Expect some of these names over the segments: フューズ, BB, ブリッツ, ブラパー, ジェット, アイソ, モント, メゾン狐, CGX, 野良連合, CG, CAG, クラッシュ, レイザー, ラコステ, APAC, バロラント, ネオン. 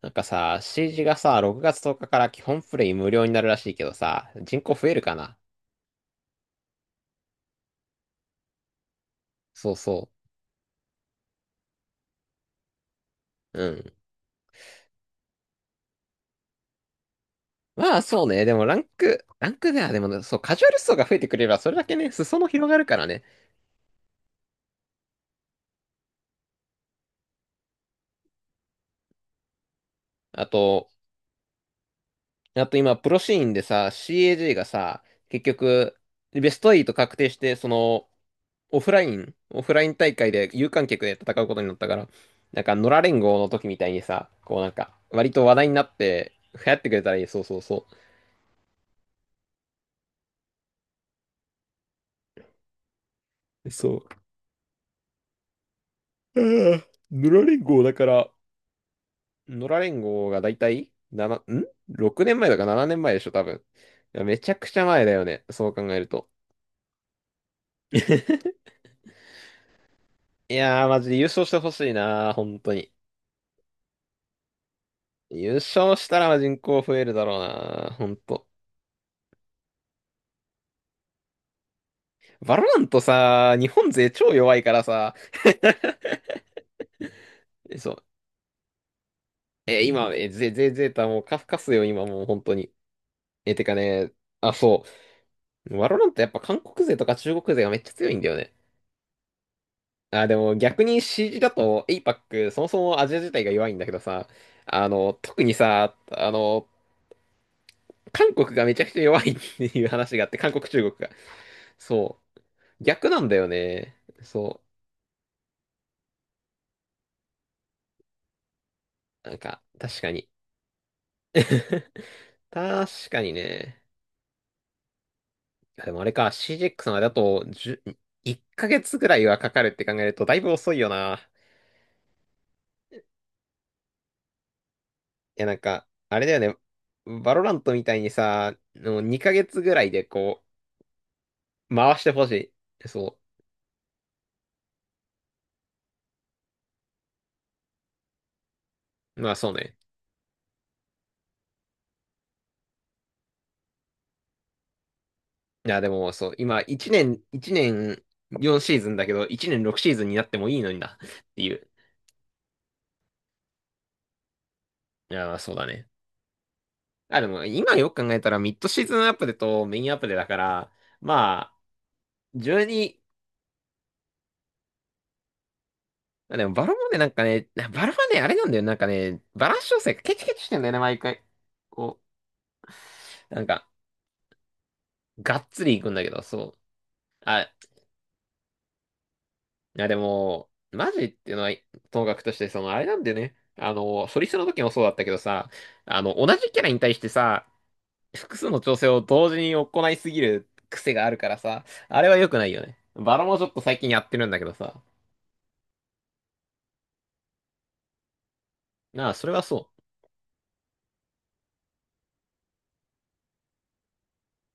なんかさ、CG がさ、6月10日かから基本プレイ無料になるらしいけどさ、人口増えるかな？そうそう。うん。まあそうね、でもランクではでもね、そう、カジュアル層が増えてくれれば、それだけね、裾野広がるからね。あと、あと今、プロシーンでさ、CAG がさ、結局、ベスト8確定して、その、オフライン大会で有観客で戦うことになったから、なんか、野良連合の時みたいにさ、こうなんか、割と話題になって、流行ってくれたらいい。そうそうそう。そう。うん。野良連合だから、野良連合がだいたいななん 6 年前だか7年前でしょ、多分。いや、めちゃくちゃ前だよね、そう考えると。いやー、マジで優勝してほしいなー、本当に。優勝したら人口増えるだろうなー、本当。バロラントさー、日本勢超弱いからさ、そう。今、ゼータもうカフカスよ、今もう本当に。てかね、あ、そう。バロラントやっぱ韓国勢とか中国勢がめっちゃ強いんだよね。あ、でも逆に CG だと APAC、 そもそもアジア自体が弱いんだけどさ、特にさ、韓国がめちゃくちゃ弱いっていう話があって、韓国、中国が。そう。逆なんだよね。そう。なんか、確かに。確かにね。いやでもあれか、CGX までだと10ヶ月ぐらいはかかるって考えるとだいぶ遅いよな。いや、なんか、あれだよね。バロラントみたいにさ、もう2ヶ月ぐらいで回してほしい。そう。まあそうね。いや、でもそう、今、1年4シーズンだけど、1年6シーズンになってもいいのにな、っていう。いや、そうだね。あ、でも、今よく考えたら、ミッドシーズンアップデとメインアップデだから、まあ、12、でも、バロもね、なんかね、バロはね、あれなんだよ。なんかね、バランス調整がケチケチしてんだよね、毎回。こう、なんか、がっつりいくんだけど、そう。あ、いや、でも、マジっていうのは、ともかくとして、その、あれなんだよね。あの、ソリストの時もそうだったけどさ、あの、同じキャラに対してさ、複数の調整を同時に行いすぎる癖があるからさ、あれは良くないよね。バラもちょっと最近やってるんだけどさ。なあ、それはそ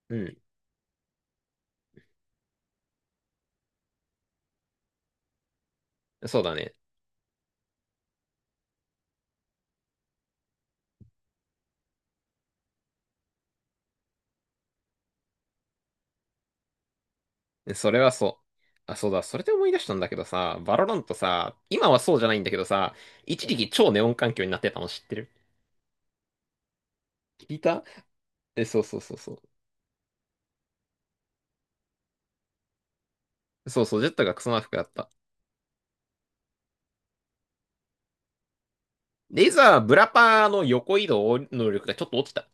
う。うん。そうだね。それはそう。あ、そうだ。それで思い出したんだけどさ、バロラントさ、今はそうじゃないんだけどさ、一時期超ネオン環境になってたの知ってる？聞いた？え、そうそうそうそう。そうそう、ジェットがクソま服だった。レイザー、ブラパーの横移動能力がちょっと落ちた。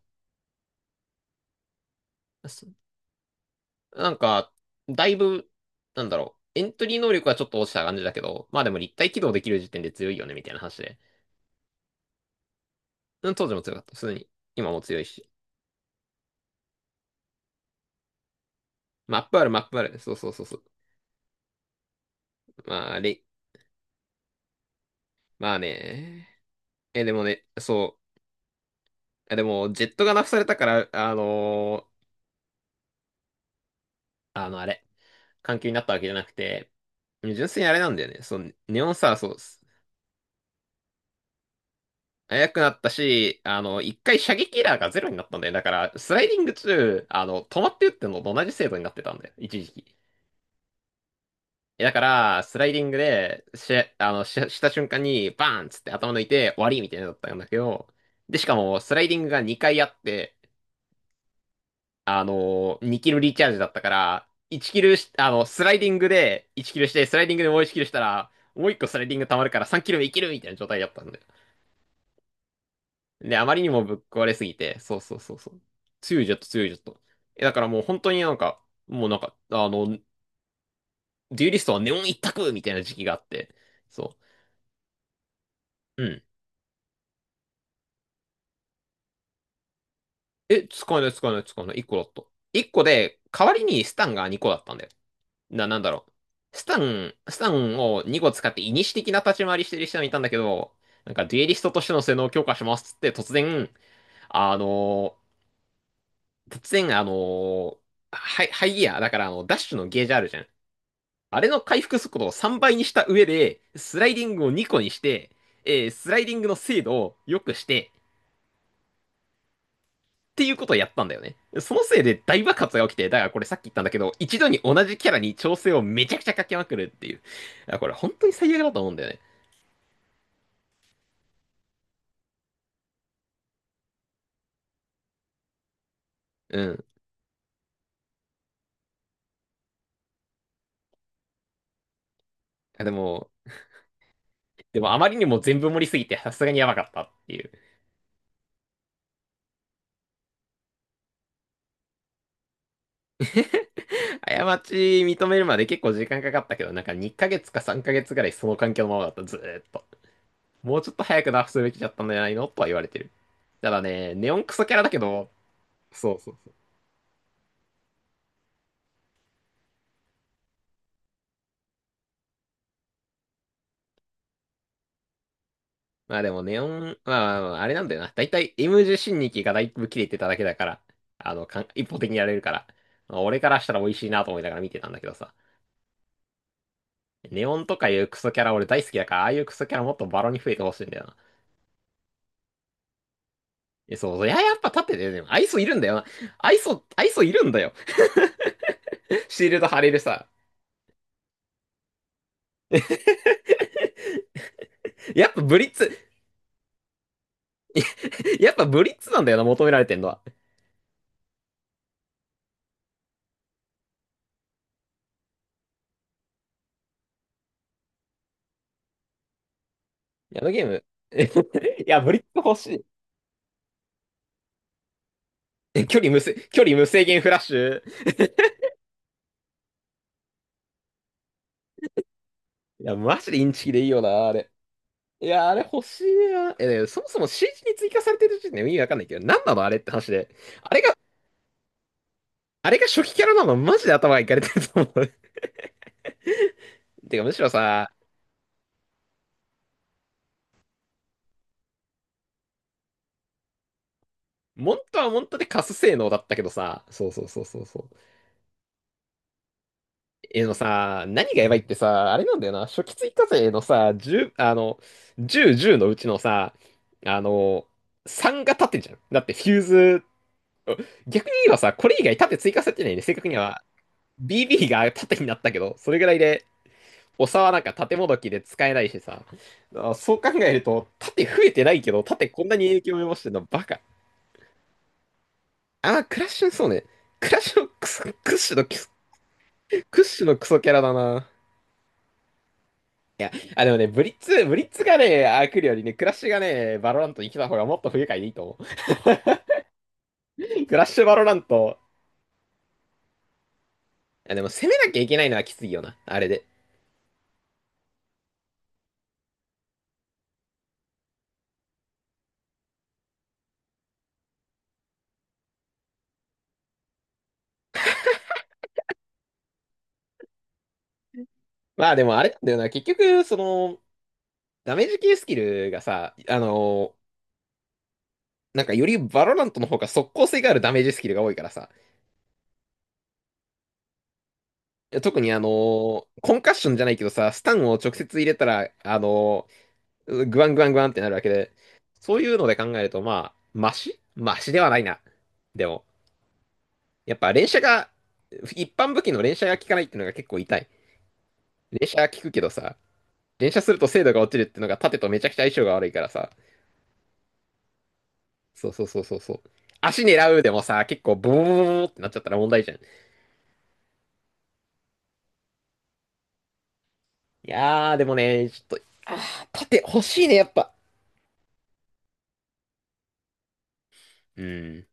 なんか、だいぶ、なんだろう、エントリー能力はちょっと落ちた感じだけど、まあでも立体起動できる時点で強いよね、みたいな話で。うん、当時も強かった。普通に。今も強いし。マップある、マップある。そうそうそうそう。まあ、レ、まあね。え、でもね、そう。えでもねそうでもジェットがナフされたから、あの、あれ、環境になったわけじゃなくて、純粋にあれなんだよね。そう、ネオンサー、そう、速くなったし、一回射撃エラーがゼロになったんだよ。だから、スライディング中、止まって打ってんのと同じ精度になってたんだよ。一時期。え、だから、スライディングで、し、あの、し、した瞬間に、バーンっつって頭抜いて、終わりみたいになのだったんだけど、で、しかも、スライディングが2回あって、あの、2キルリチャージだったから、1キルし、あの、スライディングで1キルして、スライディングでもう1キルしたら、もう1個スライディング溜まるから3キル目いけるみたいな状態だったんだよ。で、あまりにもぶっ壊れすぎて、そうそうそうそう。強いジェット、強いジェット。え、だからもう本当になんか、もうなんか、あの、デュエリストはネオン一択みたいな時期があって、そう。うん。え、使えない、使えない、使えない。1個だった。1個で、代わりにスタンが2個だったんだよ。なんだろう。スタンを2個使って、イニシ的な立ち回りしてる人もいたんだけど、なんか、デュエリストとしての性能を強化しますっつって、突然、あの、突然、あの、ハイギア、だから、ダッシュのゲージあるじゃん。あれの回復速度を3倍にした上で、スライディングを2個にして、スライディングの精度を良くして、っていうことをやったんだよね。そのせいで大爆発が起きて、だからこれさっき言ったんだけど、一度に同じキャラに調整をめちゃくちゃかけまくるっていう。これ本当に最悪だと思うんだよね。うん。でも、でもあまりにも全部盛りすぎてさすがにやばかったっていう。過ち認めるまで結構時間かかったけど、なんか2ヶ月か3ヶ月ぐらいその環境のままだった、ずーっと。もうちょっと早くナフすべきだったんじゃないのとは言われてる。ただね、ネオンクソキャラだけど、そうそうそう。まあでもネオン、まあまあまあ、あれなんだよな。だいたい M10 新日期がだいぶ切れてただけだから、一方的にやれるから、まあ俺からしたら美味しいなと思いながら見てたんだけどさ。ネオンとかいうクソキャラ俺大好きだから、ああいうクソキャラもっとバロに増えてほしいんだよな。え、そうそう。いや、やっぱ立ってて、でも、アイソいるんだよな。アイソいるんだよ。シールド貼れるさ。やっぱブリッツ、やっぱブリッツなんだよな、求められてんのは。いや、あのゲーム。いや、ブリッツ欲しい。え距離無制、距離無制限フラッシュ。いや、マジでインチキでいいよな、あれ。いや、あれ欲しいな。え、でもそもそも CG に追加されてる時点で意味わかんないけど、なんなのあれって話で。あれが、あれが初期キャラなのマジで頭がいかれてると思う。てか、むしろさ、モントはモントでカス性能だったけどさ、そうそうそうそうそう。えのさ、何がやばいってさ、あれなんだよな、初期追加税のさ、10、10、じゅうのうちのさ、あの、3が立ってんじゃん。だってフューズ、逆に言えばさ、これ以外縦追加されてないね。正確には BB が縦になったけど、それぐらいで、おさはなんか縦もどきで使えないしさ、あそう考えると、縦増えてないけど、縦こんなに影響を及ぼしてんのバカ。あー、クラッシュ、そうね。クラッシュのクソ、クッシュのクッシュのクソキャラだな。いや、あ、でもね、ブリッツがね、あ、来るよりね、クラッシュがね、バロラントに来た方がもっと不愉快でいいと思う。クラッシュバロラント。いや、でも攻めなきゃいけないのはきついよな、あれで。まあでもあれなんだよな、結局、その、ダメージ系スキルがさ、あの、なんかよりバロラントの方が速攻性があるダメージスキルが多いからさ、特にあの、コンカッションじゃないけどさ、スタンを直接入れたら、あの、グワングワングワンってなるわけで、そういうので考えると、まあ、マシマシではないな。でも。やっぱ連射が、一般武器の連射が効かないっていうのが結構痛い。連射は効くけどさ、連射すると精度が落ちるっていうのが盾とめちゃくちゃ相性が悪いからさ。そうそうそうそうそう。足狙うでもさ、結構ボーボーボーってなっちゃったら問題じゃん。いやー、でもね、ちょっと、盾欲しいね、やっぱ。うん。